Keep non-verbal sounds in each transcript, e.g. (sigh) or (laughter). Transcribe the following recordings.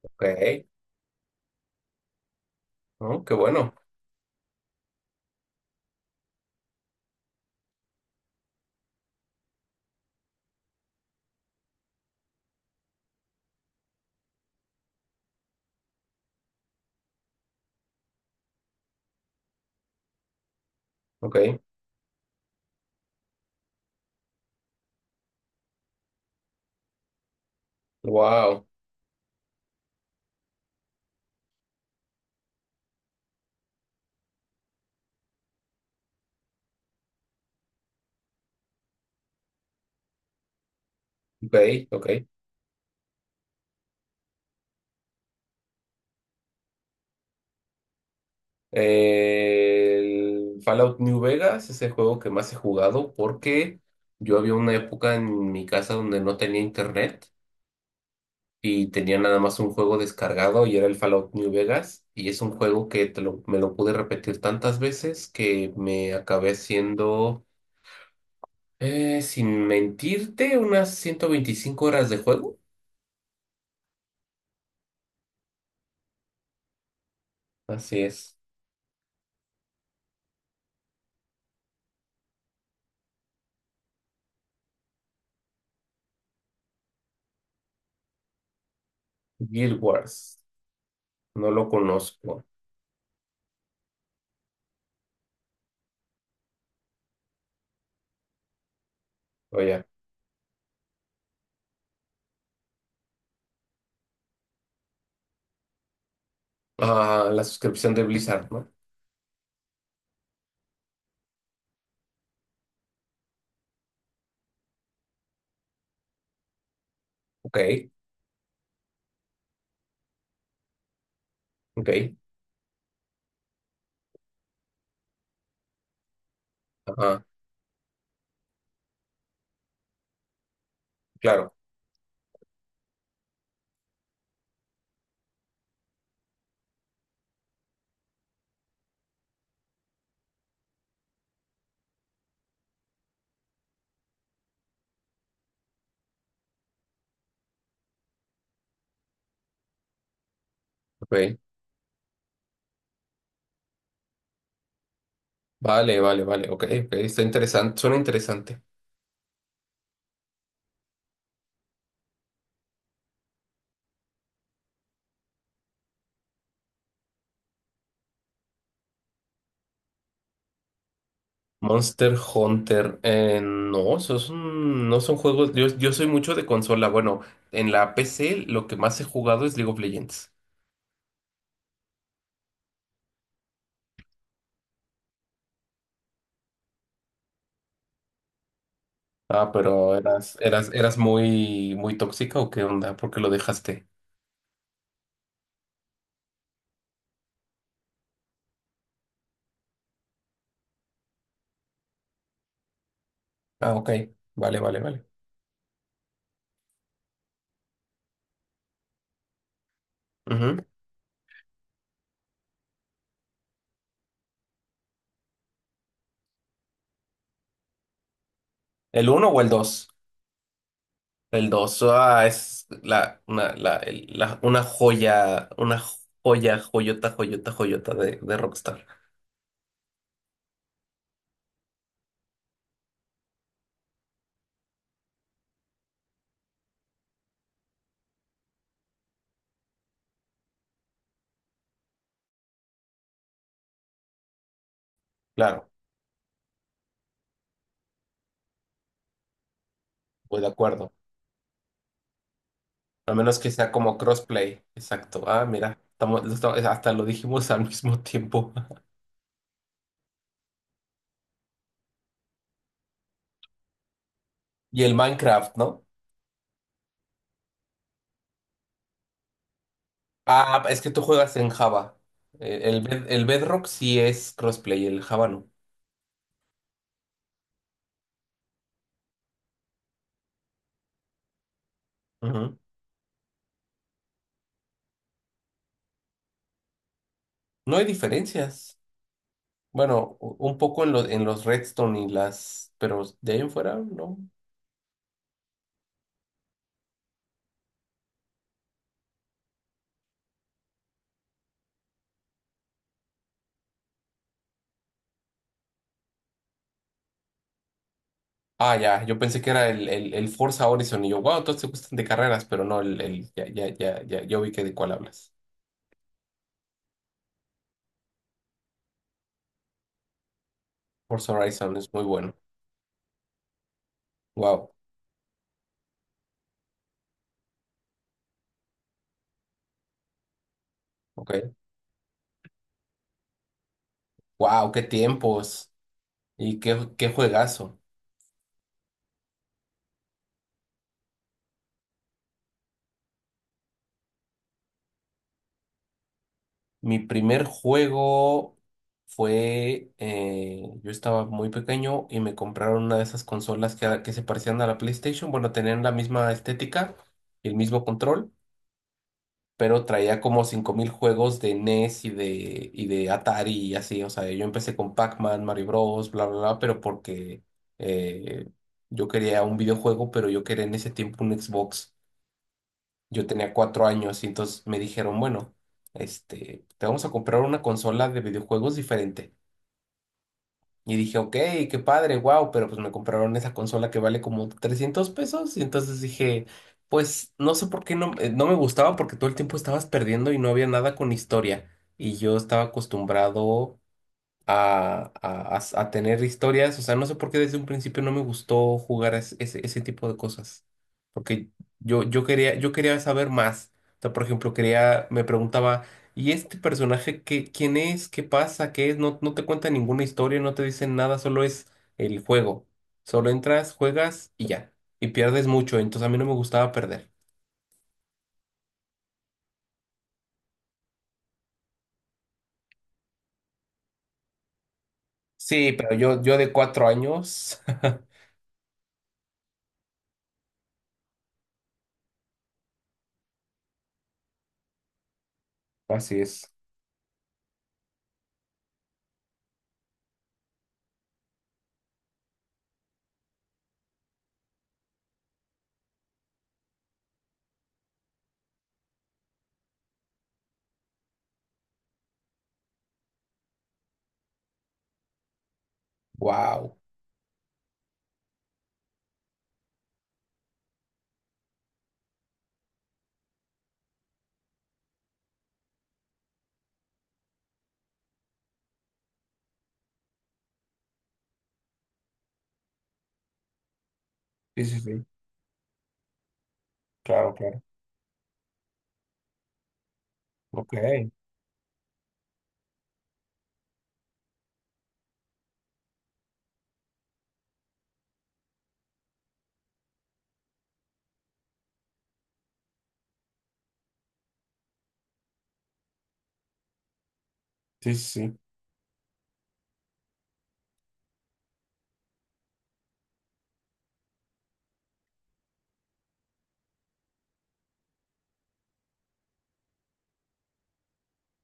Ok, oh, qué bueno. Ok, wow. Ok, ok. El Fallout New Vegas es el juego que más he jugado porque yo había una época en mi casa donde no tenía internet y tenía nada más un juego descargado y era el Fallout New Vegas. Y es un juego que me lo pude repetir tantas veces que me acabé haciendo, sin mentirte, unas 125 horas de juego. Así es. Guild Wars. No lo conozco. Oye, ah, la suscripción de Blizzard, ¿no? Ok, ok, ajá, claro, ok. Vale, vale, vale, ok, ok, está interesante, suena interesante. Monster Hunter, no, no son juegos, yo soy mucho de consola, bueno, en la PC lo que más he jugado es League of Legends. Ah, pero eras muy, muy tóxica o qué onda, ¿por qué lo dejaste? Ah, ok, vale, vale, vale. Ujú. ¿El uno o el dos? El 2, ah, es la, una, la, el- la- una joya, joyota, joyota, joyota de Rockstar. Claro, voy de acuerdo. A menos que sea como crossplay. Exacto. Ah, mira, hasta lo dijimos (laughs) al mismo tiempo. Y el Minecraft, ¿no? Ah, es que tú juegas en Java. El Bedrock sí es crossplay, el Java no. Ujú. No hay diferencias. Bueno, un poco en los Redstone y las, pero de ahí en fuera, no. Ah, ya, yo pensé que era el Forza Horizon y yo, wow, todos te gustan de carreras, pero no, ya, ya, ya, ya, yo vi que de cuál hablas. Forza Horizon es muy bueno. Wow, ok. Wow, qué tiempos y qué juegazo. Mi primer juego fue, yo estaba muy pequeño y me compraron una de esas consolas que se parecían a la PlayStation, bueno, tenían la misma estética y el mismo control. Pero traía como 5,000 juegos de NES y de Atari y así. O sea, yo empecé con Pac-Man, Mario Bros, bla, bla, bla, pero porque eh, yo quería un videojuego, pero yo quería en ese tiempo un Xbox. Yo tenía 4 años y entonces me dijeron, bueno, este, te vamos a comprar una consola de videojuegos diferente. Y dije, ok, qué padre, wow, pero pues me compraron esa consola que vale como 300 pesos. Y entonces dije, pues no sé por qué no, no me gustaba porque todo el tiempo estabas perdiendo y no había nada con historia. Y yo estaba acostumbrado a tener historias. O sea, no sé por qué desde un principio no me gustó jugar ese tipo de cosas. Porque yo quería saber más. O sea, por ejemplo, me preguntaba, ¿y este personaje quién es? ¿Qué pasa? ¿Qué es? No, no te cuenta ninguna historia, no te dicen nada, solo es el juego. Solo entras, juegas y ya. Y pierdes mucho, entonces a mí no me gustaba perder. Sí, pero yo de 4 años. (laughs) Así es. Wow. Sí, sí, sí. Claro, claro. Ok. Sí, sí,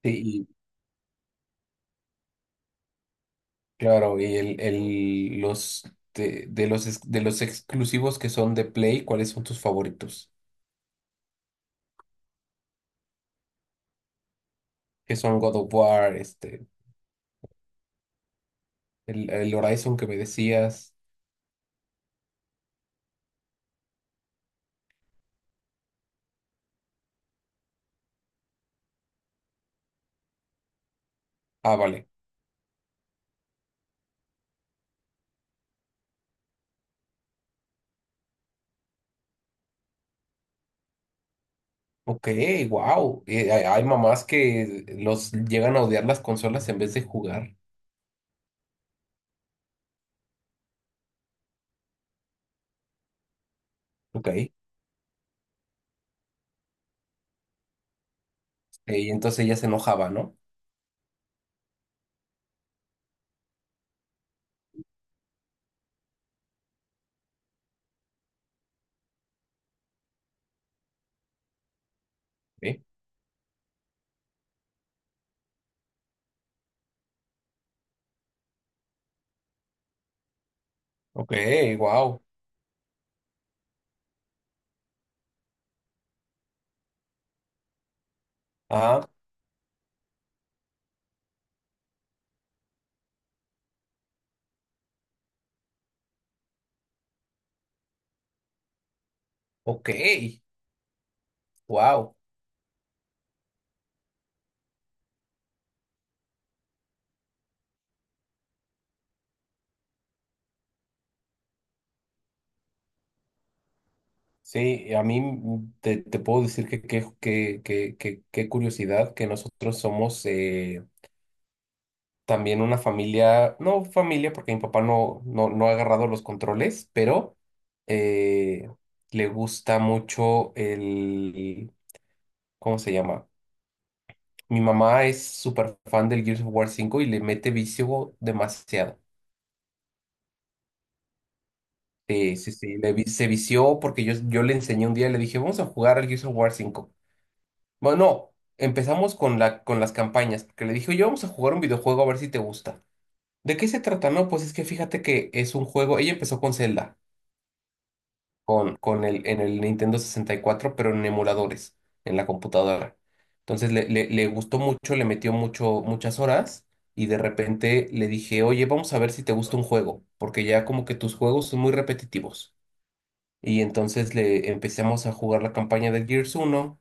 sí, y claro, y los de los exclusivos que son de Play, ¿cuáles son tus favoritos? Que son God of War, este, el Horizon que me decías. Ah, vale. Ok, wow. Hay mamás que los llegan a odiar las consolas en vez de jugar. Ok. Y entonces ella se enojaba, ¿no? Ok, wow. Ah, ok, wow. Sí, a mí te puedo decir que, qué curiosidad que nosotros somos también una familia, no familia porque mi papá no ha agarrado los controles, pero eh, le gusta mucho el, ¿cómo se llama? Mi mamá es súper fan del Gears of War 5 y le mete vicio demasiado. Sí, sí, sí, se vició porque yo le enseñé un día, le dije, vamos a jugar al Gears of War 5. Bueno, no, empezamos con las campañas, porque le dije, oye, vamos a jugar un videojuego a ver si te gusta. ¿De qué se trata? No, pues es que fíjate que es un juego, ella empezó con Zelda, en el Nintendo 64, pero en emuladores, en la computadora. Entonces le gustó mucho, le metió mucho, muchas horas y de repente le dije, oye, vamos a ver si te gusta un juego, porque ya como que tus juegos son muy repetitivos. Y entonces le empezamos a jugar la campaña de Gears uno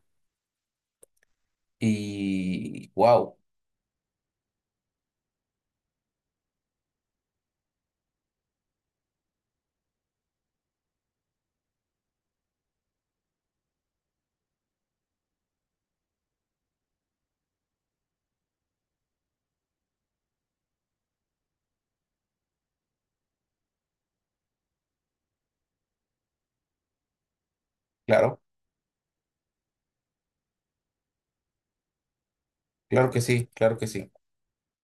y wow. Claro. Claro que sí, claro que sí.